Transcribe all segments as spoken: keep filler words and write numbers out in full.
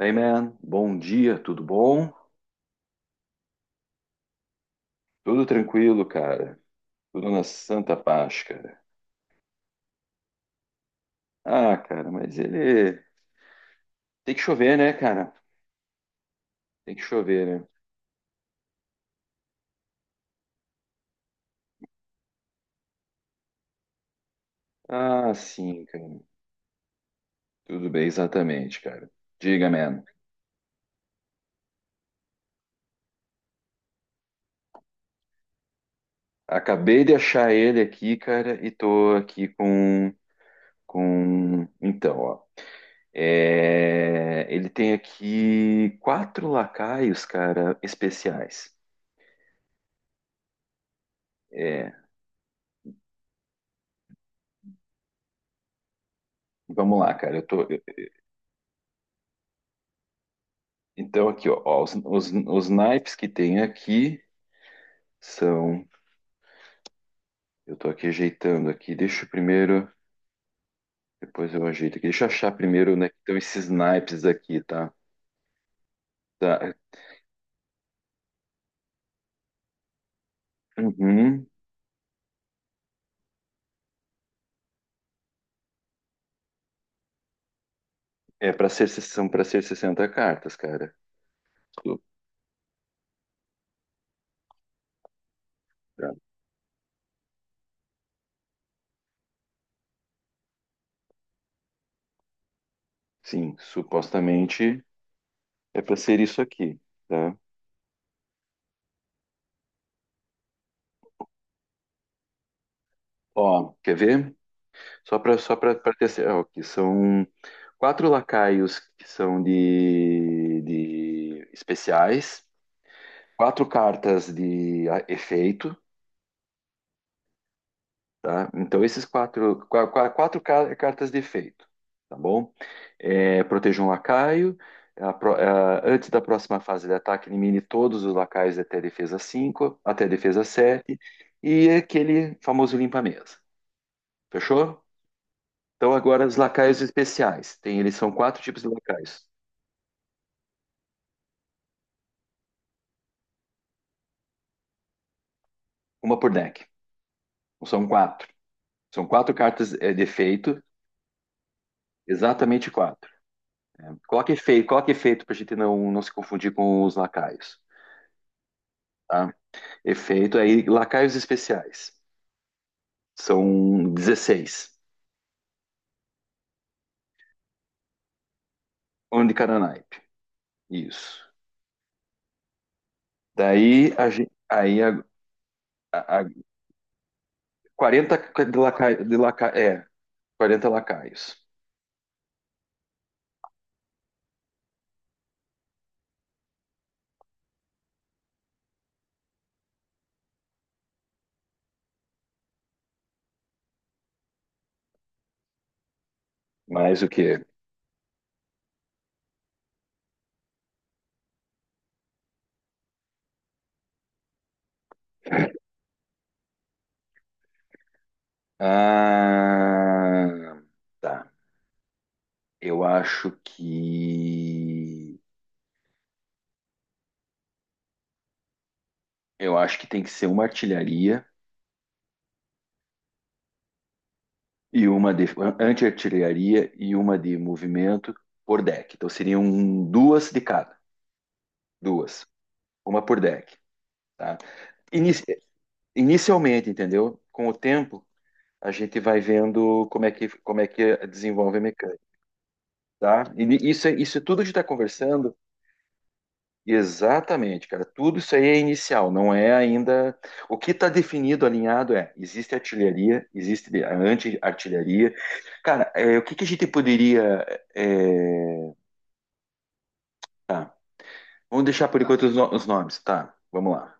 Hey man, bom dia, tudo bom? Tudo tranquilo, cara. Tudo na santa paz, cara. Ah, cara, mas ele tem que chover, né, cara? Tem que chover, né? Ah, sim, cara. Tudo bem, exatamente, cara. Diga, man. Acabei de achar ele aqui, cara, e tô aqui com com então, ó. É, ele tem aqui quatro lacaios, cara, especiais. É, vamos lá, cara. Eu tô. Então, aqui, ó, ó, os, os, os naipes que tem aqui são. Eu tô aqui ajeitando aqui. Deixa eu primeiro. Depois eu ajeito aqui. Deixa eu achar primeiro né é que estão esses naipes aqui, tá? Tá. Uhum. É para ser, são para ser sessenta cartas, cara. Su- tá. Sim, supostamente é para ser isso aqui, tá? Ó, quer ver? Só para só para ter. cer- Ó, aqui são quatro lacaios que são de, de especiais. quatro cartas de a- efeito, tá? Então, esses quatro, qua- qua- quatro ca- cartas de efeito, tá bom? É, proteja um lacaio. A pro- a- antes da próxima fase de ataque, elimine todos os lacaios até defesa cinco, até defesa sete e aquele famoso limpa-mesa. Fechou? Então, agora os lacaios especiais. Tem, eles são quatro tipos de lacaios, uma por deck. São quatro. São quatro cartas é, de efeito, exatamente quatro. Coloca efeito, coloca efeito pra gente não, não se confundir com os lacaios, tá? Efeito aí, lacaios especiais. São dezesseis. Um de cada naipe. Isso. Daí a gente. Aí a, a, a quarenta de lacaio, de laca, é, quarenta lacaios. Mais o quê? Ah, tá. Eu acho que. Eu acho que tem que ser uma artilharia e uma de anti-artilharia e uma de movimento por deck. Então seriam duas de cada, duas, uma por deck, tá? Inici- Inicialmente, entendeu? Com o tempo, a gente vai vendo como é que como é que desenvolve a mecânica, tá? E ni- isso é isso tudo que a gente está conversando, exatamente, cara. Tudo isso aí é inicial, não é ainda o que está definido, alinhado é existe artilharia, existe de- a anti-artilharia. Cara, é, o que que a gente poderia é. Tá. Vamos deixar por Tá. enquanto os, no- os nomes. Tá, vamos lá.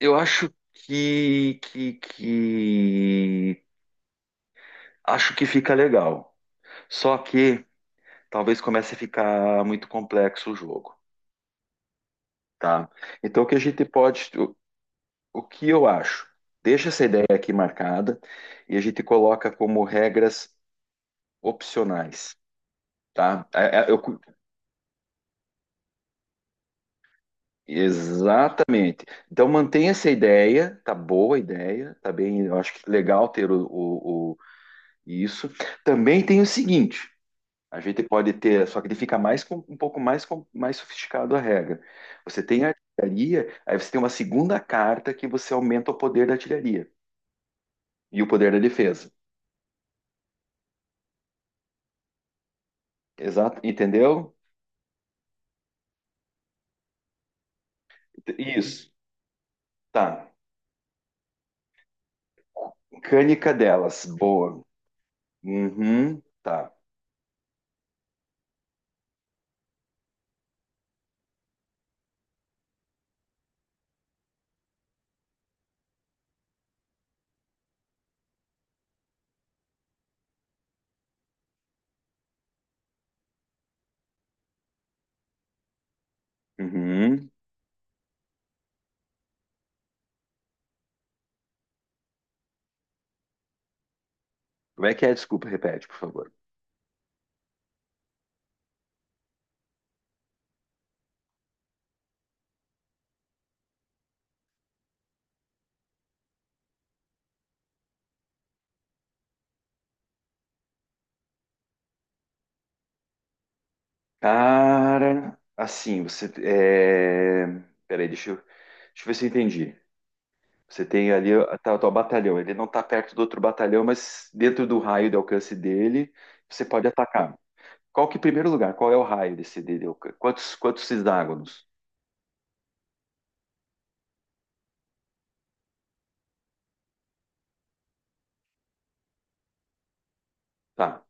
Eu acho que, que, que... Acho que fica legal. Só que talvez comece a ficar muito complexo o jogo, tá? Então, o que a gente pode... O, o que eu acho? Deixa essa ideia aqui marcada e a gente coloca como regras opcionais, tá? É, é, eu cu- exatamente. Então, mantenha essa ideia. Tá boa a ideia. Tá bem... Eu acho que legal ter o, o Isso. Também tem o seguinte, a gente pode ter, só que ele fica mais com- um pouco mais com- mais sofisticado a regra. Você tem a artilharia, aí você tem uma segunda carta que você aumenta o poder da artilharia e o poder da defesa. Exato, entendeu? Isso. Tá. Mecânica delas, boa. Uhum, tá. Uhum. Como é que é? Desculpa, repete, por favor. Cara, assim, você é... Peraí, deixa eu... deixa eu ver se eu entendi. Você tem ali tá, tá o teu batalhão. Ele não está perto do outro batalhão, mas dentro do raio de alcance dele, você pode atacar. Qual que, em primeiro lugar, qual é o raio desse dele? De alcance? Quantos, quantos hexágonos? Tá.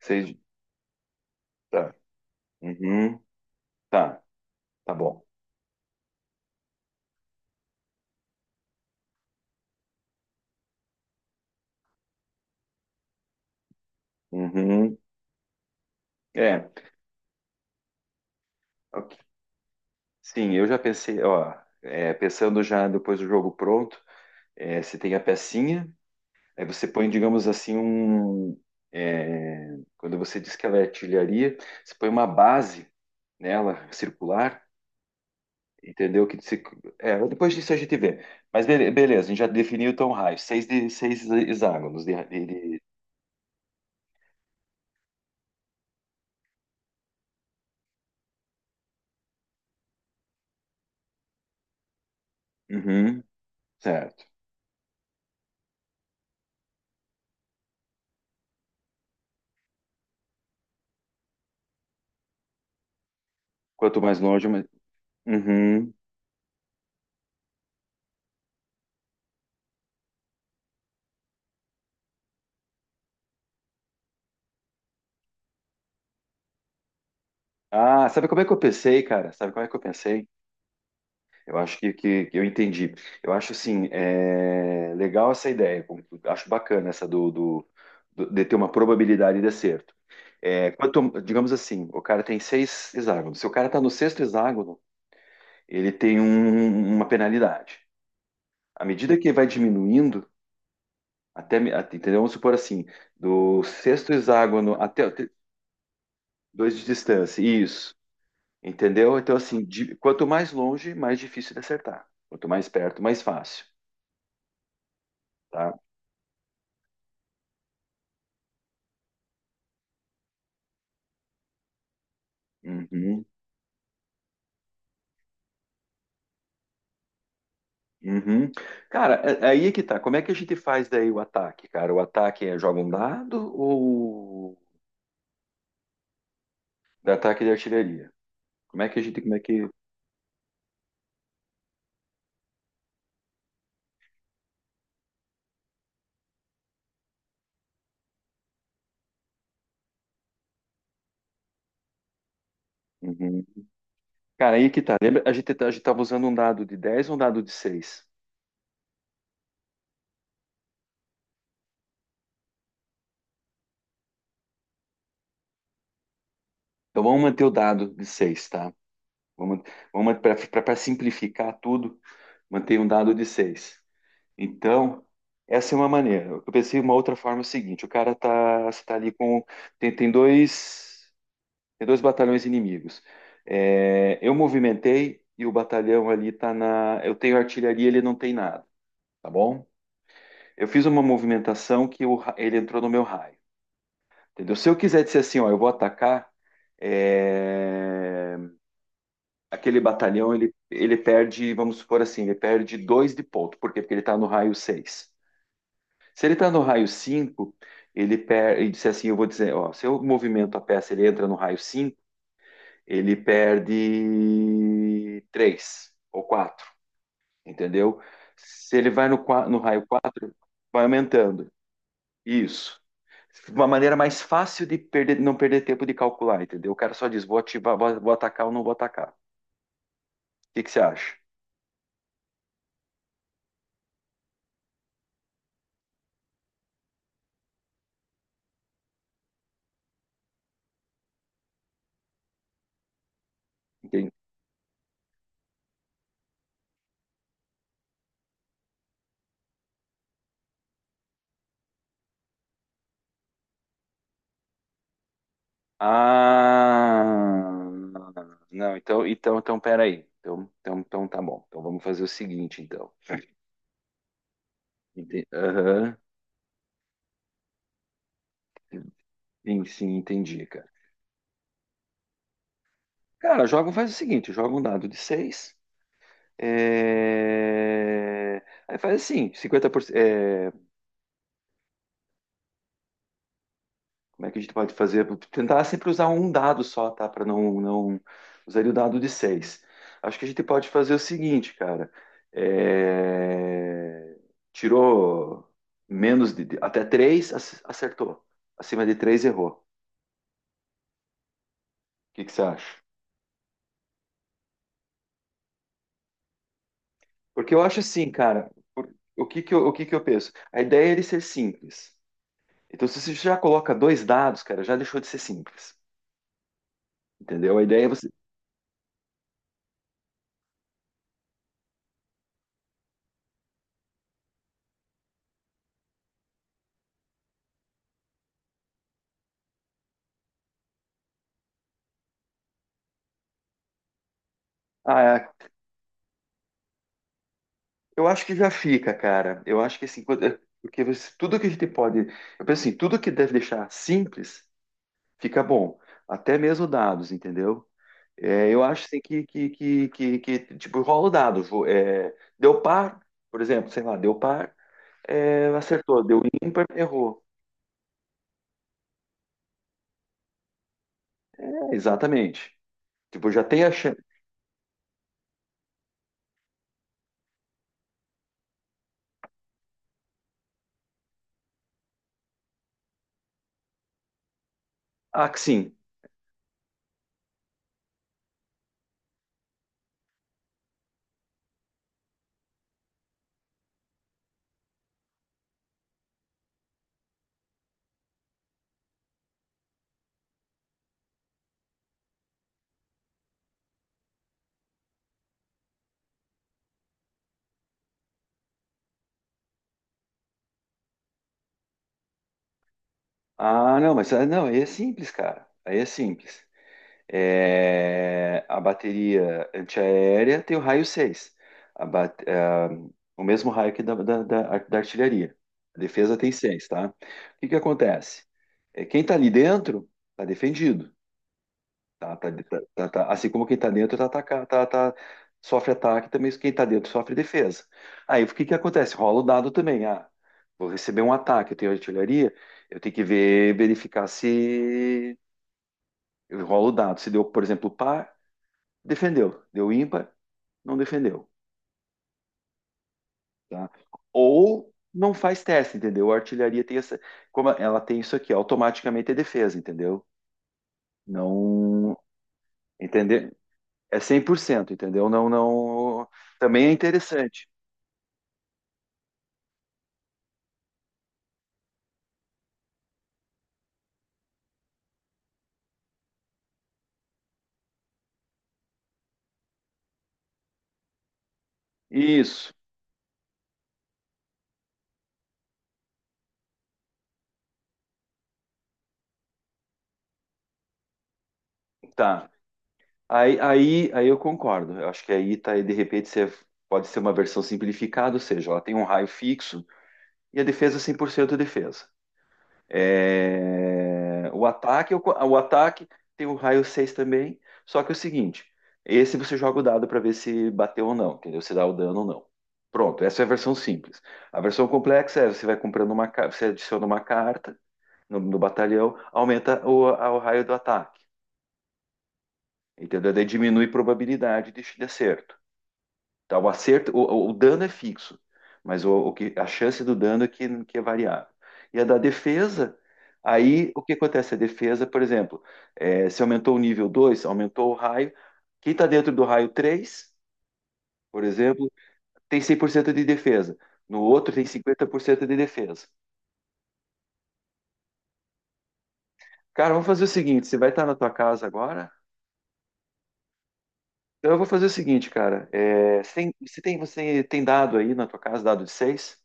Seis. Tá. Uhum. Tá. Tá bom. Uhum. É, ok. Sim, eu já pensei, ó, é, pensando já depois do jogo pronto, é, você tem a pecinha. Aí você põe, digamos assim, um, é, quando você diz que ela é artilharia, você põe uma base nela, circular, entendeu? Que se- É, depois disso a gente vê. Mas bele- beleza, a gente já definiu então o raio, seis, de, seis hexágonos de, de- de- Uhum, certo. Quanto mais longe, mais. Uhum. Ah, sabe como é que eu pensei, cara? Sabe como é que eu pensei? Eu acho que, que, que eu entendi. Eu acho assim, é, legal essa ideia. com- Acho bacana essa do, do- do- de ter uma probabilidade de acerto. É, quanto- digamos assim, o cara tem seis hexágonos. Se o cara está no sexto hexágono, ele tem um- um, uma penalidade. À medida que vai diminuindo, até, me- até- entendeu? Vamos supor assim, do sexto hexágono até o te- dois de distância. Isso. Entendeu? Então, assim, de- quanto mais longe, mais difícil de acertar. Quanto mais perto, mais fácil, tá? Uhum, uhum. Cara, é- aí é que tá. Como é que a gente faz daí o ataque, cara? O ataque é joga um dado ou da ataque de artilharia? Como é que a gente, como é que... Uhum. Cara, aí que tá. Lembra, a gente, tá- a gente tava usando um dado de dez ou um dado de seis. Então vamos manter o dado de seis, tá? Vamos, vamos para simplificar tudo, manter um dado de seis. Então, essa é uma maneira. Eu pensei uma outra forma é o seguinte, o cara tá, você tá ali com... Tem, tem dois. Tem dois batalhões inimigos. É, eu movimentei e o batalhão ali tá na. Eu tenho artilharia, ele não tem nada, tá bom? Eu fiz uma movimentação que o ra- ele entrou no meu raio. Entendeu? Se eu quiser dizer assim, ó, eu vou atacar, é, aquele batalhão ele, ele perde, vamos supor assim, ele perde dois de ponto. Por quê? Porque ele está no raio seis. Se ele está no raio cinco, ele perde. Ele disse assim, eu vou dizer, ó, se eu movimento a peça, ele entra no raio cinco. Ele perde três ou quatro, entendeu? Se ele vai no, no raio quatro, vai aumentando. Isso. Uma maneira mais fácil de perder, não perder tempo de calcular, entendeu? O cara só diz, vou ativar, vou, vou atacar ou não vou atacar. O que que você acha? Entendi. Ah, não, então, então, então, peraí. Então, então, então tá bom. Então vamos fazer o seguinte, então. Ente- Aham. Sim, sim, entendi, cara. Cara, joga, faz o seguinte, joga um dado de seis. É, aí faz assim, cinquenta por cento. É... Como é que a gente pode fazer? Tentar sempre usar um dado só, tá? Para não, não. Usaria o dado de seis. Acho que a gente pode fazer o seguinte, cara. É, tirou menos de. Até três acertou. Acima de três errou. O que que você acha? Porque eu acho assim, cara. por- O que que eu, o que que eu penso? A ideia é ele ser simples. Então, se você já coloca dois dados, cara, já deixou de ser simples. Entendeu? A ideia é você. Ah, eu acho que já fica, cara. Eu acho que assim, quando- é, porque você- tudo que a gente pode. Eu penso assim, tudo que deve deixar simples fica bom. Até mesmo dados, entendeu? É, eu acho assim que, que, que, que, que, tipo, rola o dado. Vo- é, deu par, por exemplo, sei lá, deu par, é, acertou. Deu ímpar, errou. É, exatamente. Tipo, já tem a chance. Ah, que sim. Ah, não, mas ah, não, aí é simples, cara. Aí é simples. É, a bateria antiaérea tem o raio seis, a ba- a- o mesmo raio que da, da, da- da artilharia. A defesa tem seis, tá? O que que acontece? É, quem tá ali dentro tá defendido, tá? Tá- tá- tá- tá- assim como quem tá dentro tá, ataca- tá- tá- sofre ataque, também quem tá dentro sofre defesa. Aí o que que acontece? Rola o dado também. Ah, vou receber um ataque, eu tenho artilharia, eu tenho que ver, verificar se eu rolo o dado. Se deu, por exemplo, par, defendeu, deu ímpar, não defendeu, tá? Ou não faz teste, entendeu? A artilharia tem essa, como ela tem isso aqui, automaticamente é defesa, entendeu? Não, entender é cem por cento, entendeu? Não, não, também é interessante. Isso, tá. Aí, aí, aí eu concordo. Eu acho que aí tá, aí, de repente você pode ser uma versão simplificada, ou seja, ela tem um raio fixo e a defesa é cem por cento defesa. É, o ataque, eu o ataque tem o raio seis também, só que é o seguinte, esse você joga o dado para ver se bateu ou não, entendeu? Se dá o dano ou não. Pronto, essa é a versão simples. A versão complexa é você vai comprando uma, ca- você adiciona uma carta no, no batalhão, aumenta o, a- o raio do ataque, entendeu? Daí diminui a probabilidade de, de acerto. Tá, o acerto, o, o dano é fixo, mas o, o que, a chance do dano é que, que é variável. E a da defesa, aí o que acontece? A defesa, por exemplo, é, se aumentou o nível dois, aumentou o raio, quem está dentro do raio três, por exemplo, tem cem por cento de defesa, no outro tem cinquenta por cento de defesa. Cara, vamos fazer o seguinte, você vai estar na tua casa agora? Então eu vou fazer o seguinte, cara, é, você tem, você tem, você tem dado aí na tua casa, dado de seis?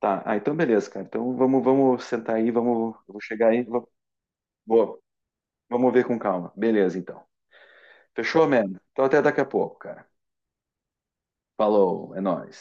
Tá, ah, então beleza, cara. Então vamos, vamos sentar aí, vamos, eu vou chegar aí, vou, vou- vamos ver com calma. Beleza, então. Fechou, mano? Então até daqui a pouco, cara. Falou, é nóis.